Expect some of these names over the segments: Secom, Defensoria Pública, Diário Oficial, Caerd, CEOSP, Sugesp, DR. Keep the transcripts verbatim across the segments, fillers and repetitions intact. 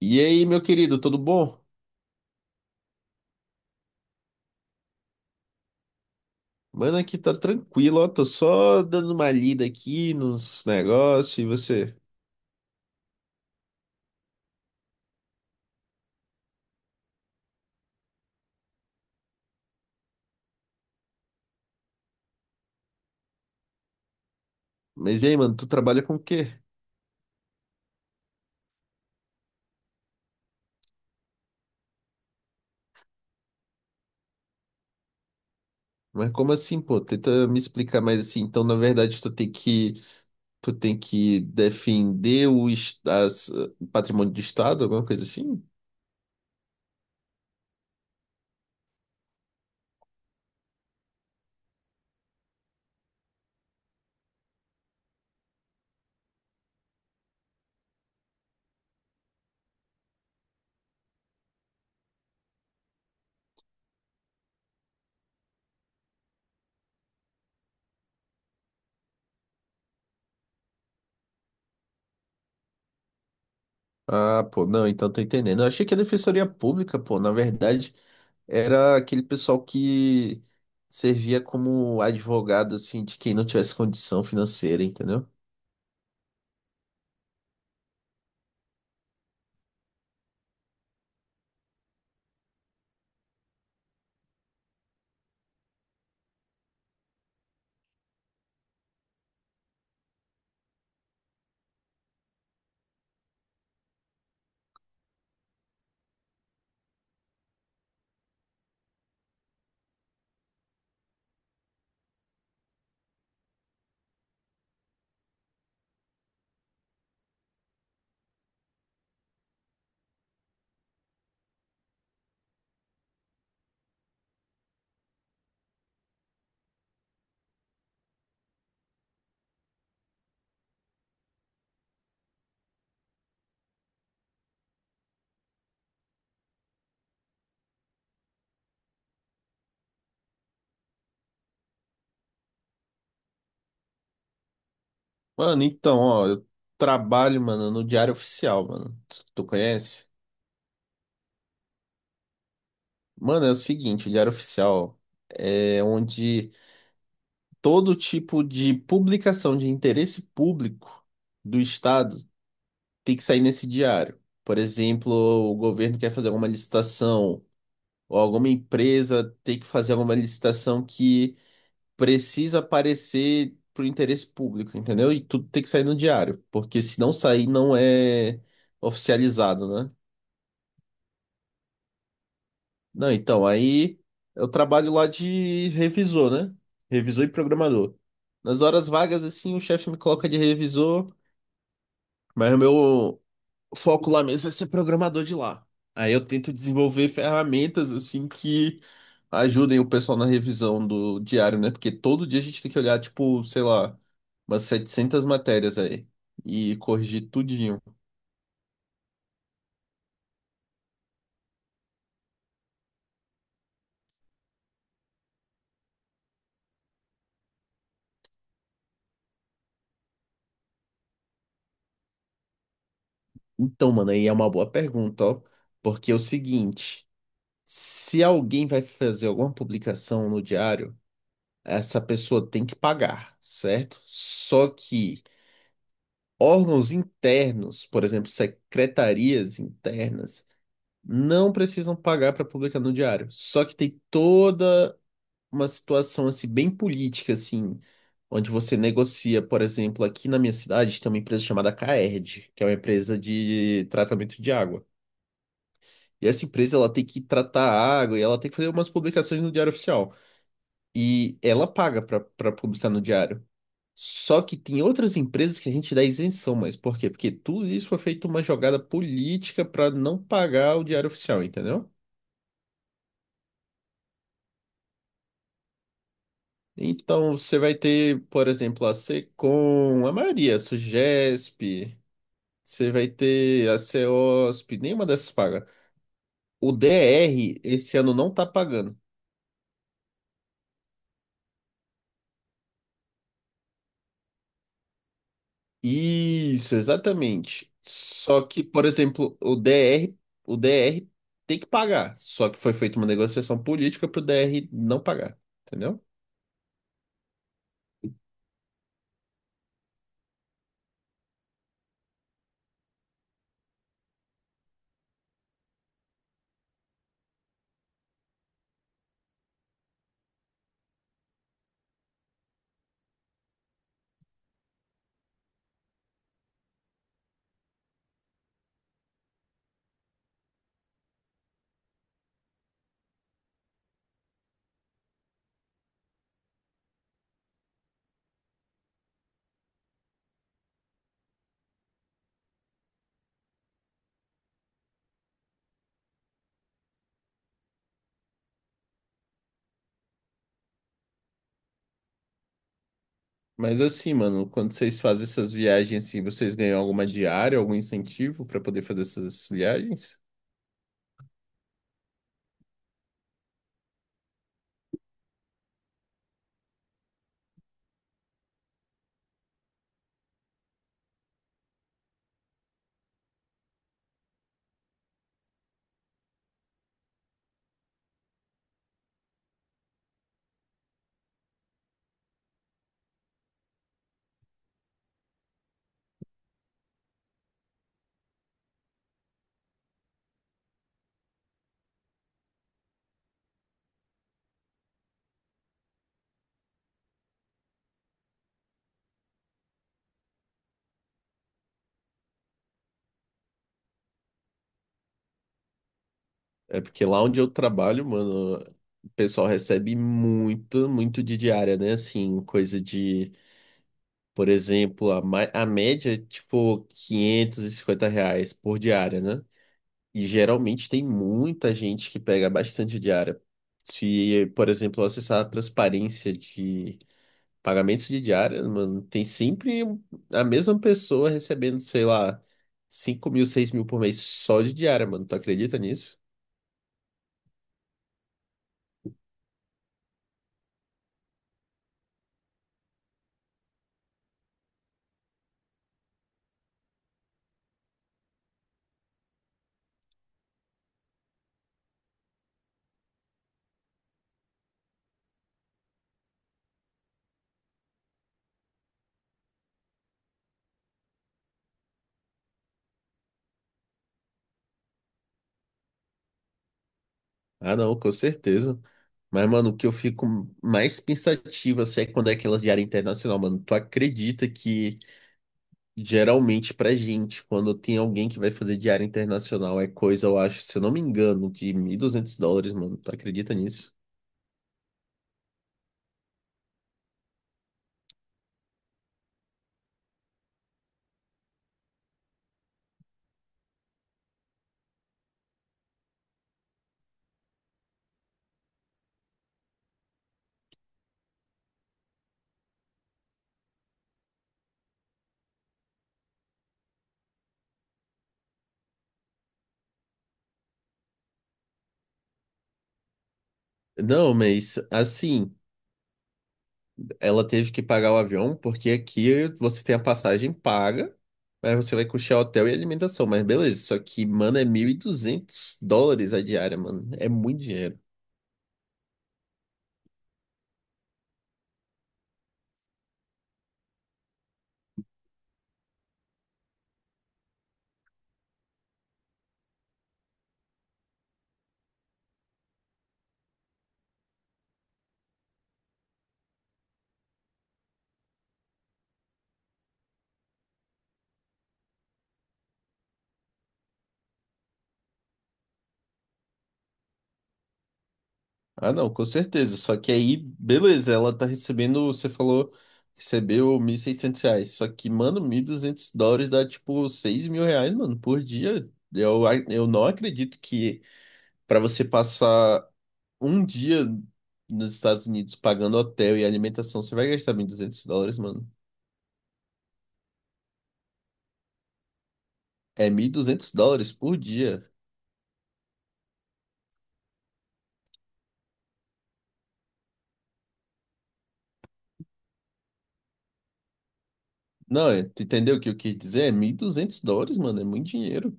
E aí, meu querido, tudo bom? Mano, aqui tá tranquilo, ó. Tô só dando uma lida aqui nos negócios e você. Mas e aí, mano, tu trabalha com o quê? Mas como assim, pô? Tenta me explicar mais assim. Então, na verdade, tu tem que, tu tem que defender o es- as- o patrimônio do Estado, alguma coisa assim? Ah, pô, não, então tô entendendo. Eu achei que a Defensoria Pública, pô, na verdade, era aquele pessoal que servia como advogado, assim, de quem não tivesse condição financeira, entendeu? Mano, então, ó, eu trabalho, mano, no Diário Oficial, mano. Tu, tu conhece? Mano, é o seguinte, o Diário Oficial é onde todo tipo de publicação de interesse público do Estado tem que sair nesse diário. Por exemplo, o governo quer fazer alguma licitação, ou alguma empresa tem que fazer alguma licitação que precisa aparecer pro interesse público, entendeu? E tudo tem que sair no diário, porque se não sair, não é oficializado, né? Não, então, aí eu trabalho lá de revisor, né? Revisor e programador. Nas horas vagas, assim, o chefe me coloca de revisor, mas o meu foco lá mesmo é ser programador de lá. Aí eu tento desenvolver ferramentas, assim, que ajudem o pessoal na revisão do diário, né? Porque todo dia a gente tem que olhar, tipo, sei lá, umas setecentas matérias aí e corrigir tudinho. Então, mano, aí é uma boa pergunta, ó. Porque é o seguinte. Se alguém vai fazer alguma publicação no diário, essa pessoa tem que pagar, certo? Só que órgãos internos, por exemplo, secretarias internas, não precisam pagar para publicar no diário. Só que tem toda uma situação assim bem política assim, onde você negocia, por exemplo, aqui na minha cidade tem uma empresa chamada Caerd, que é uma empresa de tratamento de água. E essa empresa ela tem que tratar a água e ela tem que fazer umas publicações no diário oficial, e ela paga para publicar no diário. Só que tem outras empresas que a gente dá isenção, mas por quê? Porque tudo isso foi feito uma jogada política para não pagar o diário oficial, entendeu? Então você vai ter, por exemplo, a Secom, a Maria, a Sugesp, você vai ter a C E O S P, nenhuma dessas paga. O D R esse ano não tá pagando. Isso, exatamente. Só que, por exemplo, o D R, o D R tem que pagar. Só que foi feita uma negociação política pro D R não pagar, entendeu? Mas assim, mano, quando vocês fazem essas viagens assim, vocês ganham alguma diária, algum incentivo para poder fazer essas viagens? É porque lá onde eu trabalho, mano, o pessoal recebe muito, muito de diária, né? Assim, coisa de, por exemplo, a, ma- a média é tipo quinhentos e cinquenta reais por diária, né? E geralmente tem muita gente que pega bastante diária. Se, por exemplo, eu acessar a transparência de pagamentos de diária, mano, tem sempre a mesma pessoa recebendo, sei lá, cinco mil, seis mil por mês só de diária, mano. Tu acredita nisso? Ah, não, com certeza. Mas, mano, o que eu fico mais pensativo assim, é quando é aquelas de área internacional, mano. Tu acredita que geralmente pra gente, quando tem alguém que vai fazer de área internacional, é coisa, eu acho, se eu não me engano, de mil e duzentos dólares, mano. Tu acredita nisso? Não, mas assim, ela teve que pagar o avião, porque aqui você tem a passagem paga, mas você vai custear hotel e alimentação, mas beleza. Só que, mano, é mil e duzentos dólares a diária, mano. É muito dinheiro. Ah, não, com certeza. Só que aí, beleza, ela tá recebendo, você falou, recebeu mil e seiscentos reais. Só que, mano, mil e duzentos dólares dá tipo seis mil reais, mano, por dia. Eu, a- eu não acredito que pra você passar um dia nos Estados Unidos pagando hotel e alimentação, você vai gastar mil e duzentos dólares, mano. É mil e duzentos dólares por dia. Não, é- tu entendeu o que eu quis dizer? É mil e duzentos dólares, mano, é muito dinheiro.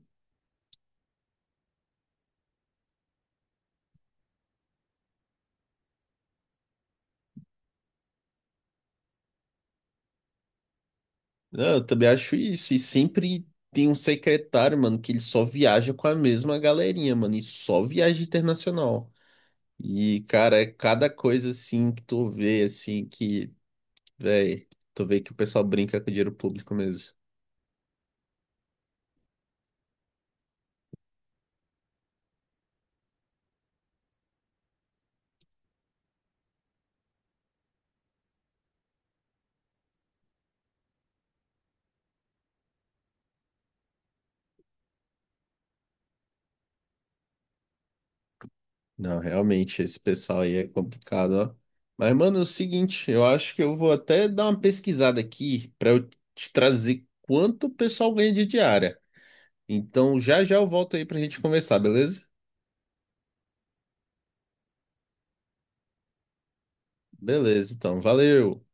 Não, eu também acho isso. E sempre tem um secretário, mano, que ele só viaja com a mesma galerinha, mano, e só viaja internacional. E, cara, é cada coisa assim que tu vê, assim, que, véi, tu vê que o pessoal brinca com dinheiro público mesmo. Não, realmente, esse pessoal aí é complicado, ó. Mas, mano, é o seguinte, eu acho que eu vou até dar uma pesquisada aqui pra eu te trazer quanto o pessoal ganha de diária. Então, já já eu volto aí pra gente conversar, beleza? Beleza, então, valeu.